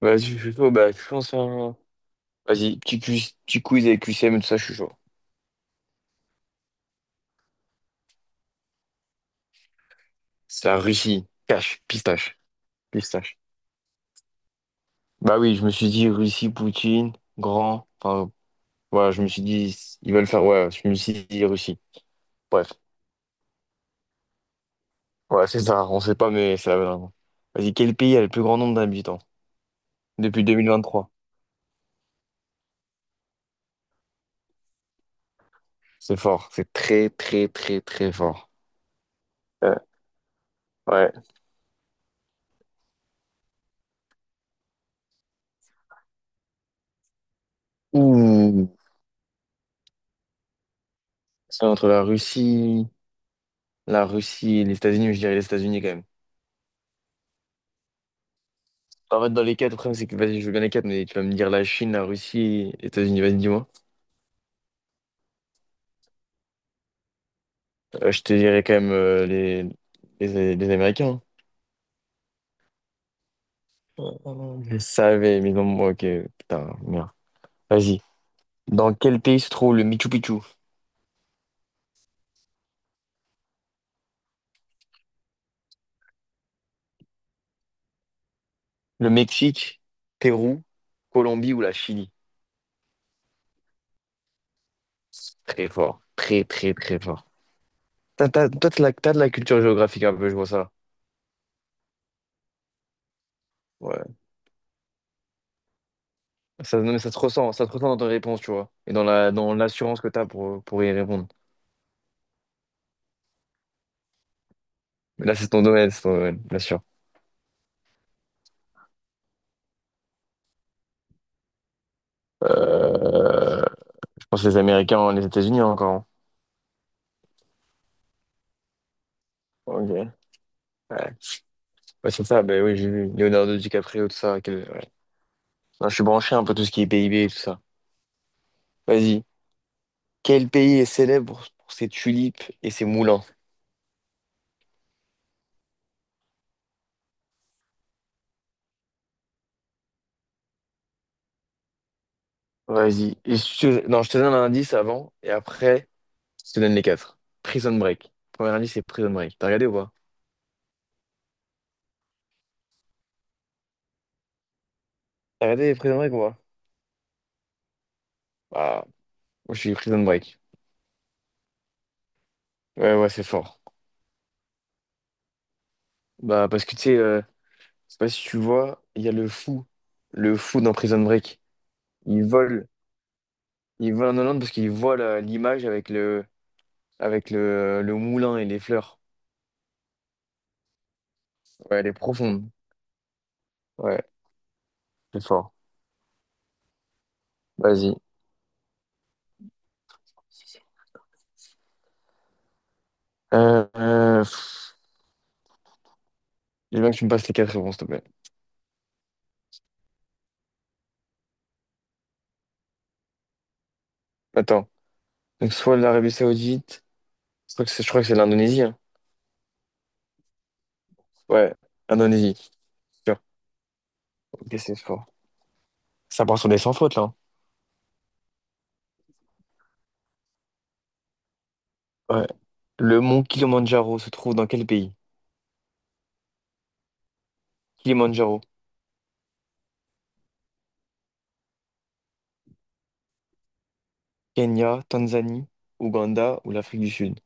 Vas-y, je suis chaud. Bah, je lance un. Vas-y, petit quiz avec QCM et tout ça, je suis chaud. C'est la Russie. Cash, pistache, pistache. Bah oui, je me suis dit Russie, Poutine, grand. Enfin, voilà, je me suis dit, ils veulent faire. Ouais, je me suis dit Russie. Bref, ouais, c'est ça. On sait pas, mais c'est la bonne réponse. Vas-y, quel pays a le plus grand nombre d'habitants depuis 2023? C'est fort. C'est très, très, très, très fort. Euh, ouais. Ouh. C'est entre la Russie et les États-Unis, mais je dirais les États-Unis quand même. En fait, dans les quatre, le problème, c'est que vas-y, je veux bien les quatre, mais tu vas me dire la Chine, la Russie, les États-Unis, vas-y, dis-moi. Je te dirais quand même les Américains. Je savais, mais non, moi, ok, putain, merde. Vas-y. Dans quel pays se trouve le Machu Picchu? Le Mexique, Pérou, Colombie ou la Chili? Très fort, très, très, très fort. Toi, t'as de la culture géographique un peu, je vois ça. Ouais. Ça, non, mais ça se ressent dans tes réponses, tu vois. Et dans l'assurance que t'as pour y répondre. Mais là, c'est ton domaine, bien sûr. Euh, je pense les Américains, les États-Unis encore. Hein. Ok. Ouais. Ouais, c'est ça, ben oui, j'ai vu. Leonardo DiCaprio, tout ça. Ouais. Non, je suis branché un peu tout ce qui est PIB et tout ça. Vas-y. Quel pays est célèbre pour ses tulipes et ses moulins? Vas-y. Et Non, je te donne un indice avant et après, je te donne les quatre. Prison Break. Premier indice, c'est Prison Break. T'as regardé ou pas? T'as regardé Prison Break ou pas? Bah, moi, je suis Prison Break. Ouais, ouais, c'est fort. Bah, parce que tu sais, je sais pas si tu vois, il y a le fou. Le fou dans Prison Break. Il vole Il vole en Hollande parce qu'il voit l'image avec le moulin et les fleurs. Ouais, elle est profonde. Ouais, c'est fort. Vas-y. Euh, euh, pff, j'ai bien que tu me passes les quatre réponses, s'il te plaît. Attends. Donc soit l'Arabie Saoudite, je crois que c'est l'Indonésie. Hein. Ouais, Indonésie. Sûr. Ok, c'est fort. Ça part sur des sans fautes là. Hein. Ouais. Le mont Kilimandjaro se trouve dans quel pays? Kilimandjaro, Kenya, Tanzanie, Ouganda ou l'Afrique du Sud?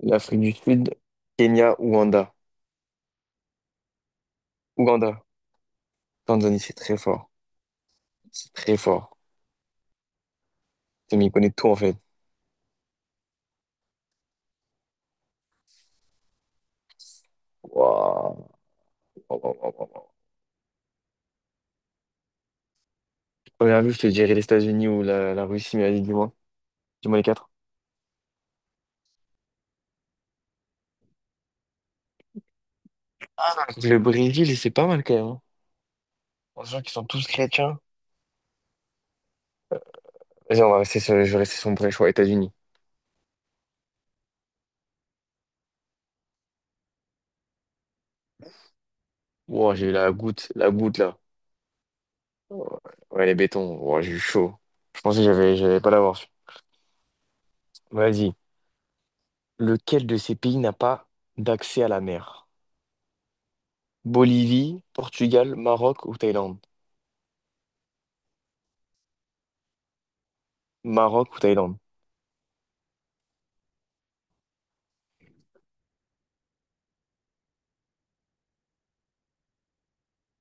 L'Afrique du Sud, Kenya, Ouganda. Ouganda. Tanzanie, c'est très fort. C'est très fort. Tu m'y connais tout, en fait. Waouh. Waouh, waouh, waouh, waouh. Première vue, je te dirais les États-Unis ou la Russie, mais allez, dis-moi. Dis-moi les quatre. Ah, le Brésil, c'est pas mal quand même. Hein. En sachant qu'ils sont tous chrétiens. Vas-y, on va rester sur, je vais rester sur mon premier choix, États-Unis. Wow, j'ai eu la goutte là. Ouais, ouais, les bétons. Wow, j'ai eu chaud. Je pensais que j'avais, j'allais pas l'avoir. Vas-y. Lequel de ces pays n'a pas d'accès à la mer? Bolivie, Portugal, Maroc ou Thaïlande? Maroc ou Thaïlande?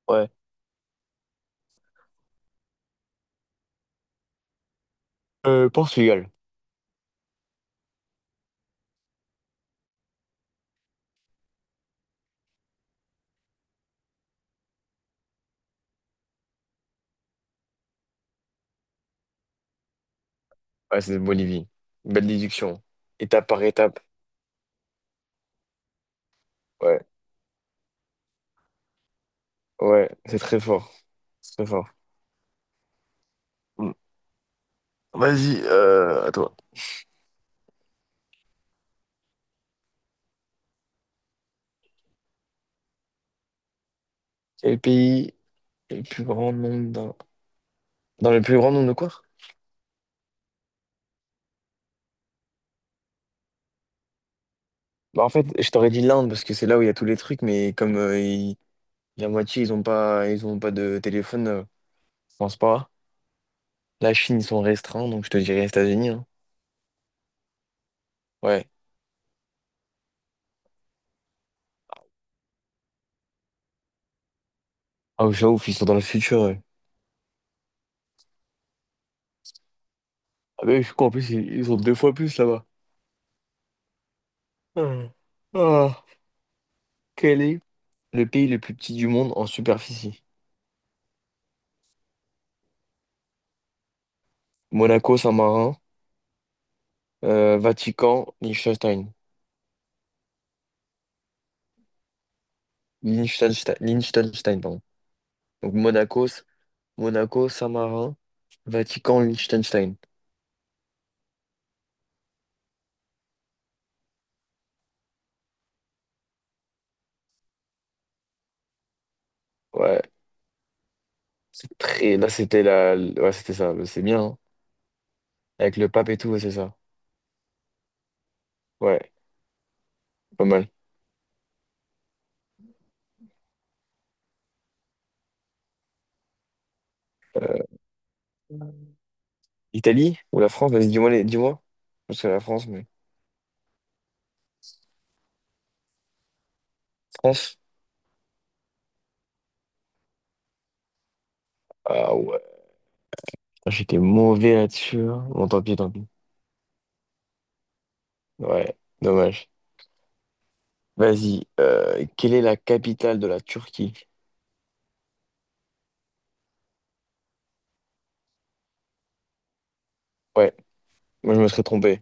Ouais. Portugal. Ouais, c'est de Bolivie. Belle déduction. Étape par étape. Ouais, ouais, c'est très fort. C'est très fort. Mm. Vas-y, à toi. Quel pays est le plus grand nombre d'un... Dans le plus grand nombre de quoi? Bah, en fait, je t'aurais dit l'Inde parce que c'est là où il y a tous les trucs, mais comme la moitié, ils ont pas de téléphone, je pense pas. La Chine, ils sont restreints, donc je te dirais les États-Unis. Hein. Ouais. Ah, je ouf, ils sont dans le futur. Ouais. Ah, mais je crois en plus, ils ont deux fois plus là-bas. Ah, ah, quel est le pays le plus petit du monde en superficie. Monaco, Saint-Marin, Vatican, Liechtenstein. Liechtenstein, Liechtenstein, pardon. Donc Monaco, Monaco, Saint-Marin, Vatican, Liechtenstein. Ouais, c'est très... Là, c'était la... Ouais, c'était ça. C'est bien, hein. Avec le pape et tout, ouais, c'est ça. Ouais, pas mal. Euh, Italie ou la France? Vas-y, dis-moi, dis-moi. Parce que la France, mais... France? Ah ouais. Putain, j'étais mauvais là-dessus. Hein. Bon, tant pis, tant pis. Ouais, dommage. Vas-y, quelle est la capitale de la Turquie? Ouais, moi je me serais trompé.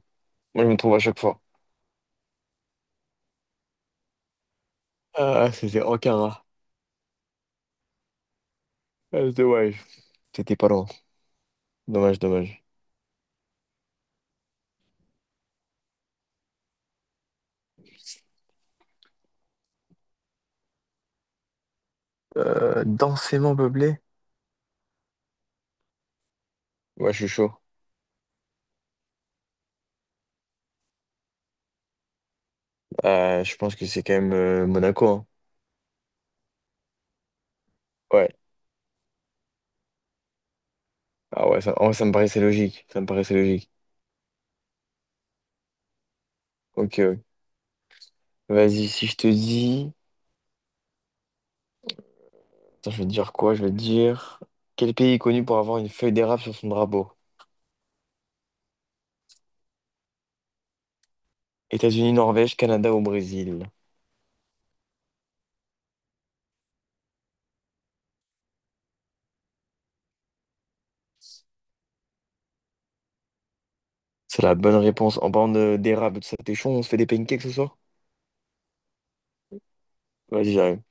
Moi je me trompe à chaque fois. Ah, c'était Ankara. Ah, c'est dommage. C'était pas loin. Dommage, dommage. Densément peuplé? Ouais, je suis chaud. Je pense que c'est quand même Monaco. Hein. Ouais. Ah ouais, ça, en vrai, ça me paraissait logique. Ça me paraissait logique. Ok, ok. Vas-y, si je te dis... Attends, je vais te dire quoi? Je vais te dire... Quel pays est connu pour avoir une feuille d'érable sur son drapeau? États-Unis, Norvège, Canada ou Brésil? C'est la bonne réponse. En parlant d'érable, ça t'es chaud, on se fait des pancakes ce soir? Vas-y, j'arrive.